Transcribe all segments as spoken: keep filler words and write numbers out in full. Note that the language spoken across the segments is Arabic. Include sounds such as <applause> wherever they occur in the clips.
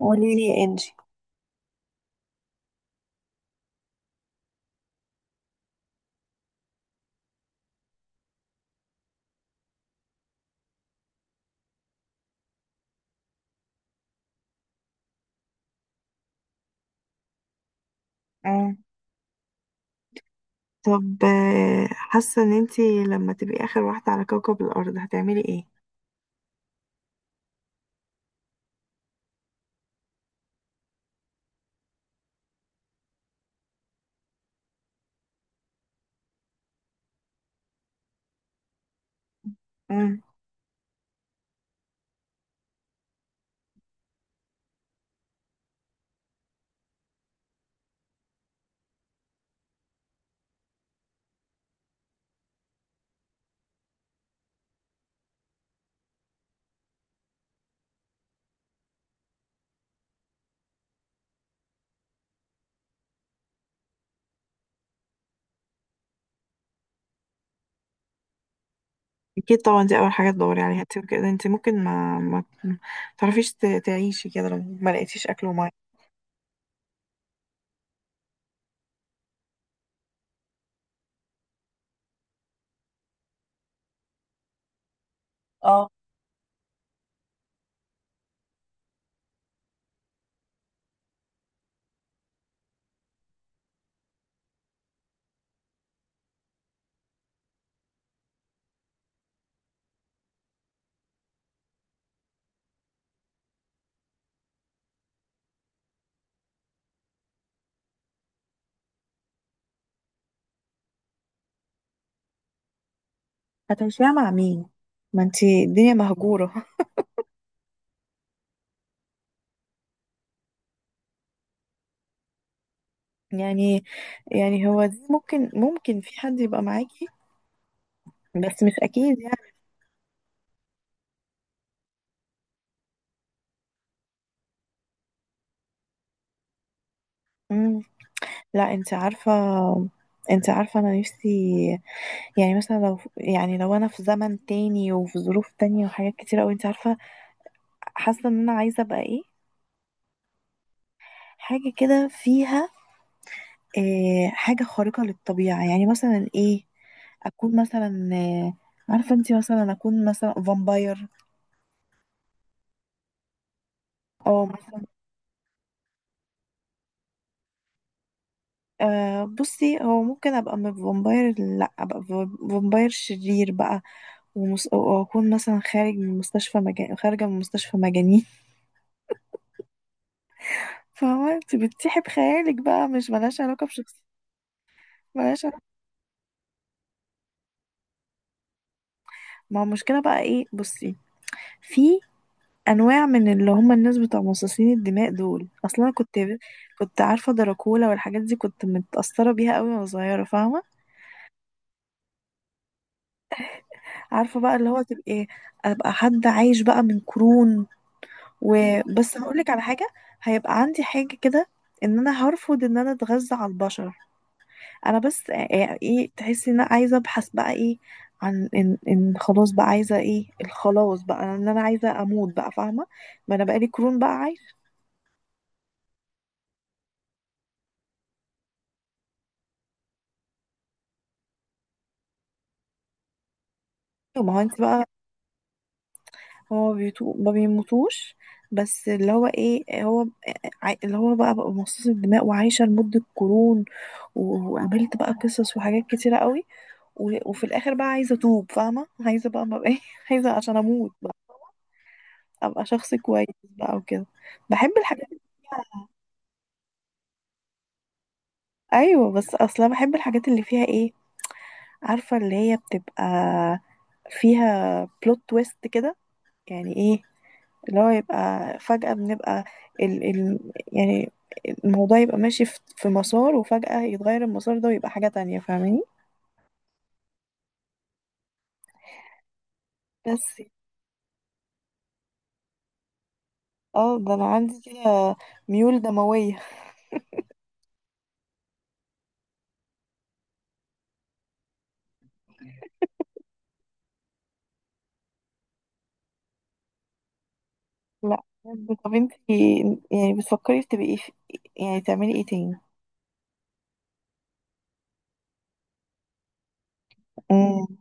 قولي لي يا انجي. آه. طب، آه، حاسة ان انتي لما تبقي اخر واحدة على كوكب الارض هتعملي ايه؟ مم. اكيد طبعا دي اول حاجة تدوري عليها، انتي كده انتي ممكن ما ما تعرفيش ت- تعيشي كده لو ما لقيتيش اكل ومية. اه. هتمشيها مع مين؟ ما انتي الدنيا مهجورة. <laughs> يعني يعني هو دي ممكن ممكن في حد يبقى معاكي، بس مش اكيد يعني. مم. لا انت عارفة، انت عارفة انا نفسي. يعني مثلا لو يعني لو انا في زمن تاني وفي ظروف تانية وحاجات كتير اوي، انت عارفة، حاسة ان انا عايزة ابقى ايه، حاجة كده فيها، إيه، حاجة خارقة للطبيعة، يعني مثلا ايه، اكون مثلا، آه، عارفه انت، مثلا اكون مثلا فامباير، او مثلا، آه بصي، هو ممكن ابقى م- فامباير، لا ابقى ف- فامباير شرير بقى. ومس... واكون مثلا خارج من مستشفى مجان... خارجه من مستشفى مجانين. <laughs> فهو انت بتسيحي بخيالك بقى، مش ملهاش علاقه بشخص، ملهاش. ما هو المشكلة بقى ايه، بصي، في انواع من اللي هم الناس بتوع مصاصين الدماء دول. اصلا انا كنت كنت عارفة دراكولا والحاجات دي، كنت متأثرة بيها قوي وانا صغيرة، فاهمة. عارفة بقى اللي هو تبقى ايه، ابقى حد عايش بقى من قرون. وبس هقولك على حاجة، هيبقى عندي حاجة كده، ان انا هرفض ان انا اتغذى على البشر. انا بس ايه، إيه، تحسي ان انا عايزة ابحث بقى ايه، عن ان ان خلاص بقى، عايزة ايه الخلاص بقى، ان انا عايزة اموت بقى، فاهمة؟ ما انا بقالي قرون بقى. ما هو انت بقى، هو بيتو... ما بيموتوش، بس اللي هو ايه، هو ع- اللي هو بقى بقى مصاص الدماء وعايشه لمده قرون، و- وقابلت بقى قصص وحاجات كتيره قوي، و... وفي الاخر بقى عايزه اتوب، فاهمه، عايزه بقى، ما بقى <laughs> ايه، عايزه عشان اموت بقى، ابقى شخص كويس بقى وكده. بحب الحاجات اللي فيها. <laughs> ايوه، بس اصلا بحب الحاجات اللي فيها ايه، عارفه اللي هي بتبقى فيها بلوت تويست كده، يعني ايه، اللي هو يبقى فجأة بنبقى ال ال، يعني الموضوع يبقى ماشي في في مسار وفجأة يتغير المسار ده ويبقى حاجة تانية، فاهماني؟ بس اه، ده انا عندي كده ميول دموية. لا، بجد. طب انتي يعني بتفكري تبقي في، يعني تعملي ايه تاني؟ امم.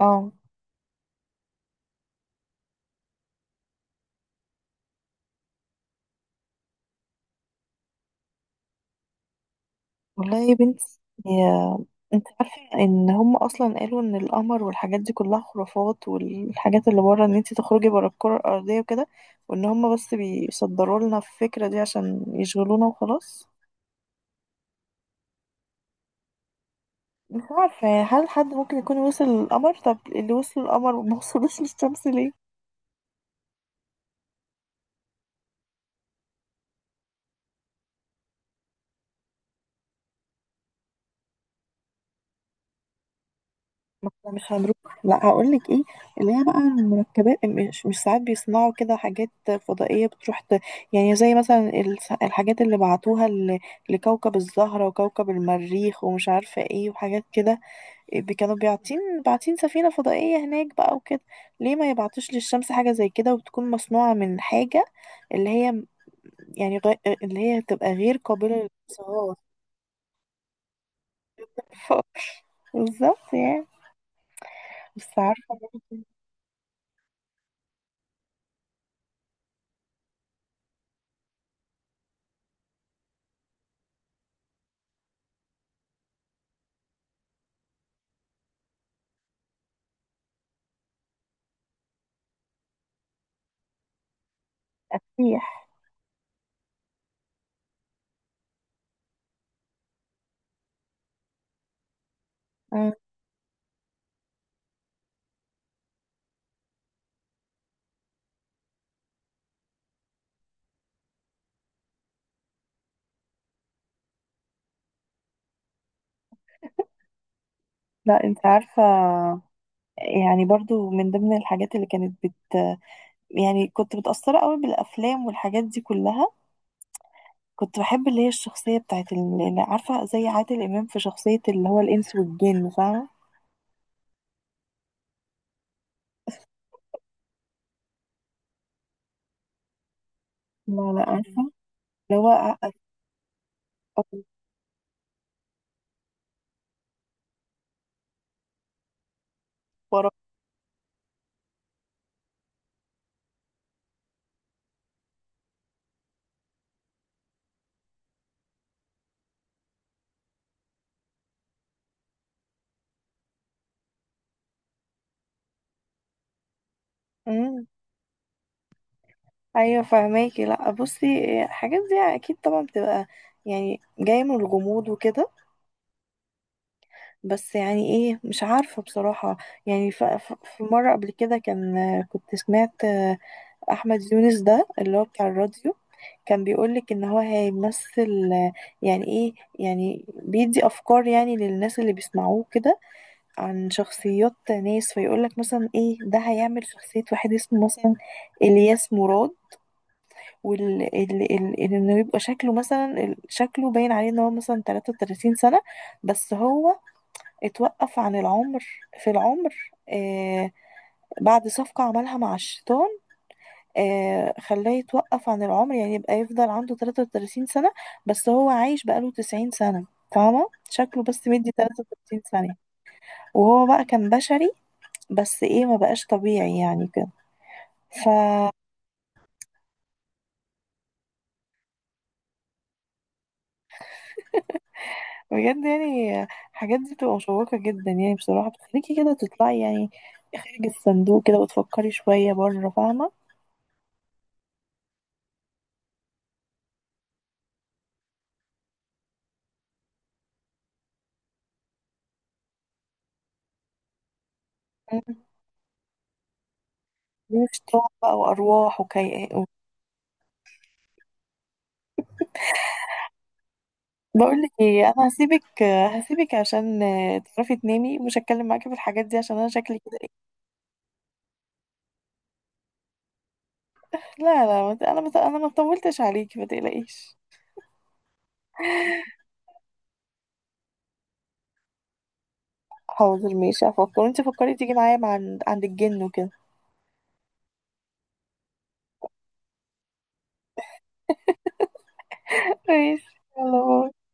اه. والله يا بنتي، يا... انت عارفة ان هم اصلا قالوا ان القمر والحاجات دي كلها خرافات، والحاجات اللي بره ان انت تخرجي بره الكرة الارضية وكده، وان هم بس بيصدروا لنا الفكرة دي عشان يشغلونا وخلاص. مش عارفة يعني، هل حد ممكن يكون وصل للقمر؟ طب اللي وصل للقمر وما وصلوش للشمس ليه؟ ما احنا مش هنروح. لا هقول لك ايه، اللي هي بقى المركبات، مش مش ساعات بيصنعوا كده حاجات فضائيه بتروح ت... يعني زي مثلا الس- الحاجات اللي بعتوها ل... لكوكب الزهره وكوكب المريخ ومش عارفه ايه وحاجات كده، إيه، بي- كانوا بيعتين، بعتين سفينه فضائيه هناك بقى وكده. ليه ما يبعتوش للشمس حاجه زي كده، وتكون مصنوعه من حاجه اللي هي، يعني غ... اللي هي تبقى غير قابله للانصهار. <laughs> بالظبط يعني. بس عارفه إن هي تسيح. لا انت عارفة، يعني برضو من ضمن الحاجات اللي كانت بت، يعني كنت متأثرة قوي بالأفلام والحاجات دي كلها. كنت بحب اللي هي الشخصية بتاعت ال- اللي عارفة، زي عادل إمام في شخصية اللي هو الإنس والجن، فاهمة؟ لا لا، عارفة اللي هو ع- أبو الفراعنة. أمم. أيوة فهماكي. لا بصي، الحاجات دي أكيد طبعا بتبقى يعني جاية من الغموض وكده، بس يعني ايه، مش عارفة بصراحة. يعني ف- ف- في مرة قبل كده، كان كنت سمعت احمد يونس، ده اللي هو بتاع الراديو، كان بيقولك ان هو هيمثل، آه، يعني ايه، يعني بيدي افكار يعني للناس اللي بيسمعوه كده، عن شخصيات ناس. فيقولك مثلا ايه، ده هيعمل شخصية واحد اسمه مثلا الياس مراد، وال ال- ال- ال- انه يبقى شكله مثلا، ال- شكله باين عليه ان هو مثلا تلاتة وتلاتين سنة، بس هو اتوقف عن العمر، في العمر، آه بعد صفقة عملها مع الشيطان، آه خلاه يتوقف عن العمر، يعني يبقى يفضل عنده تلاتة وتلاتين سنة بس هو عايش بقاله تسعين سنة، فاهمة؟ شكله بس مدي تلاتة وتلاتين سنة، وهو بقى كان بشري بس ايه ما بقاش طبيعي يعني كده. ف، بجد يعني الحاجات دي بتبقى مشوقة جدا يعني، بصراحة بتخليكي كده تطلعي يعني خارج الصندوق كده وتفكري شوية بره، فاهمة؟ مم. وشيطان بقى وأرواح وكي... بقول لك ايه، انا هسيبك هسيبك عشان تعرفي تنامي، مش هتكلم معاكي في الحاجات دي عشان انا شكلي كده ايه. لا لا، ما ت- انا ما ت- انا ما طولتش عليكي، ما تقلقيش. حاضر ماشي، هفكر. انت فكري تيجي معايا مع عند عند الجن وكده. ماشي، يلا باي.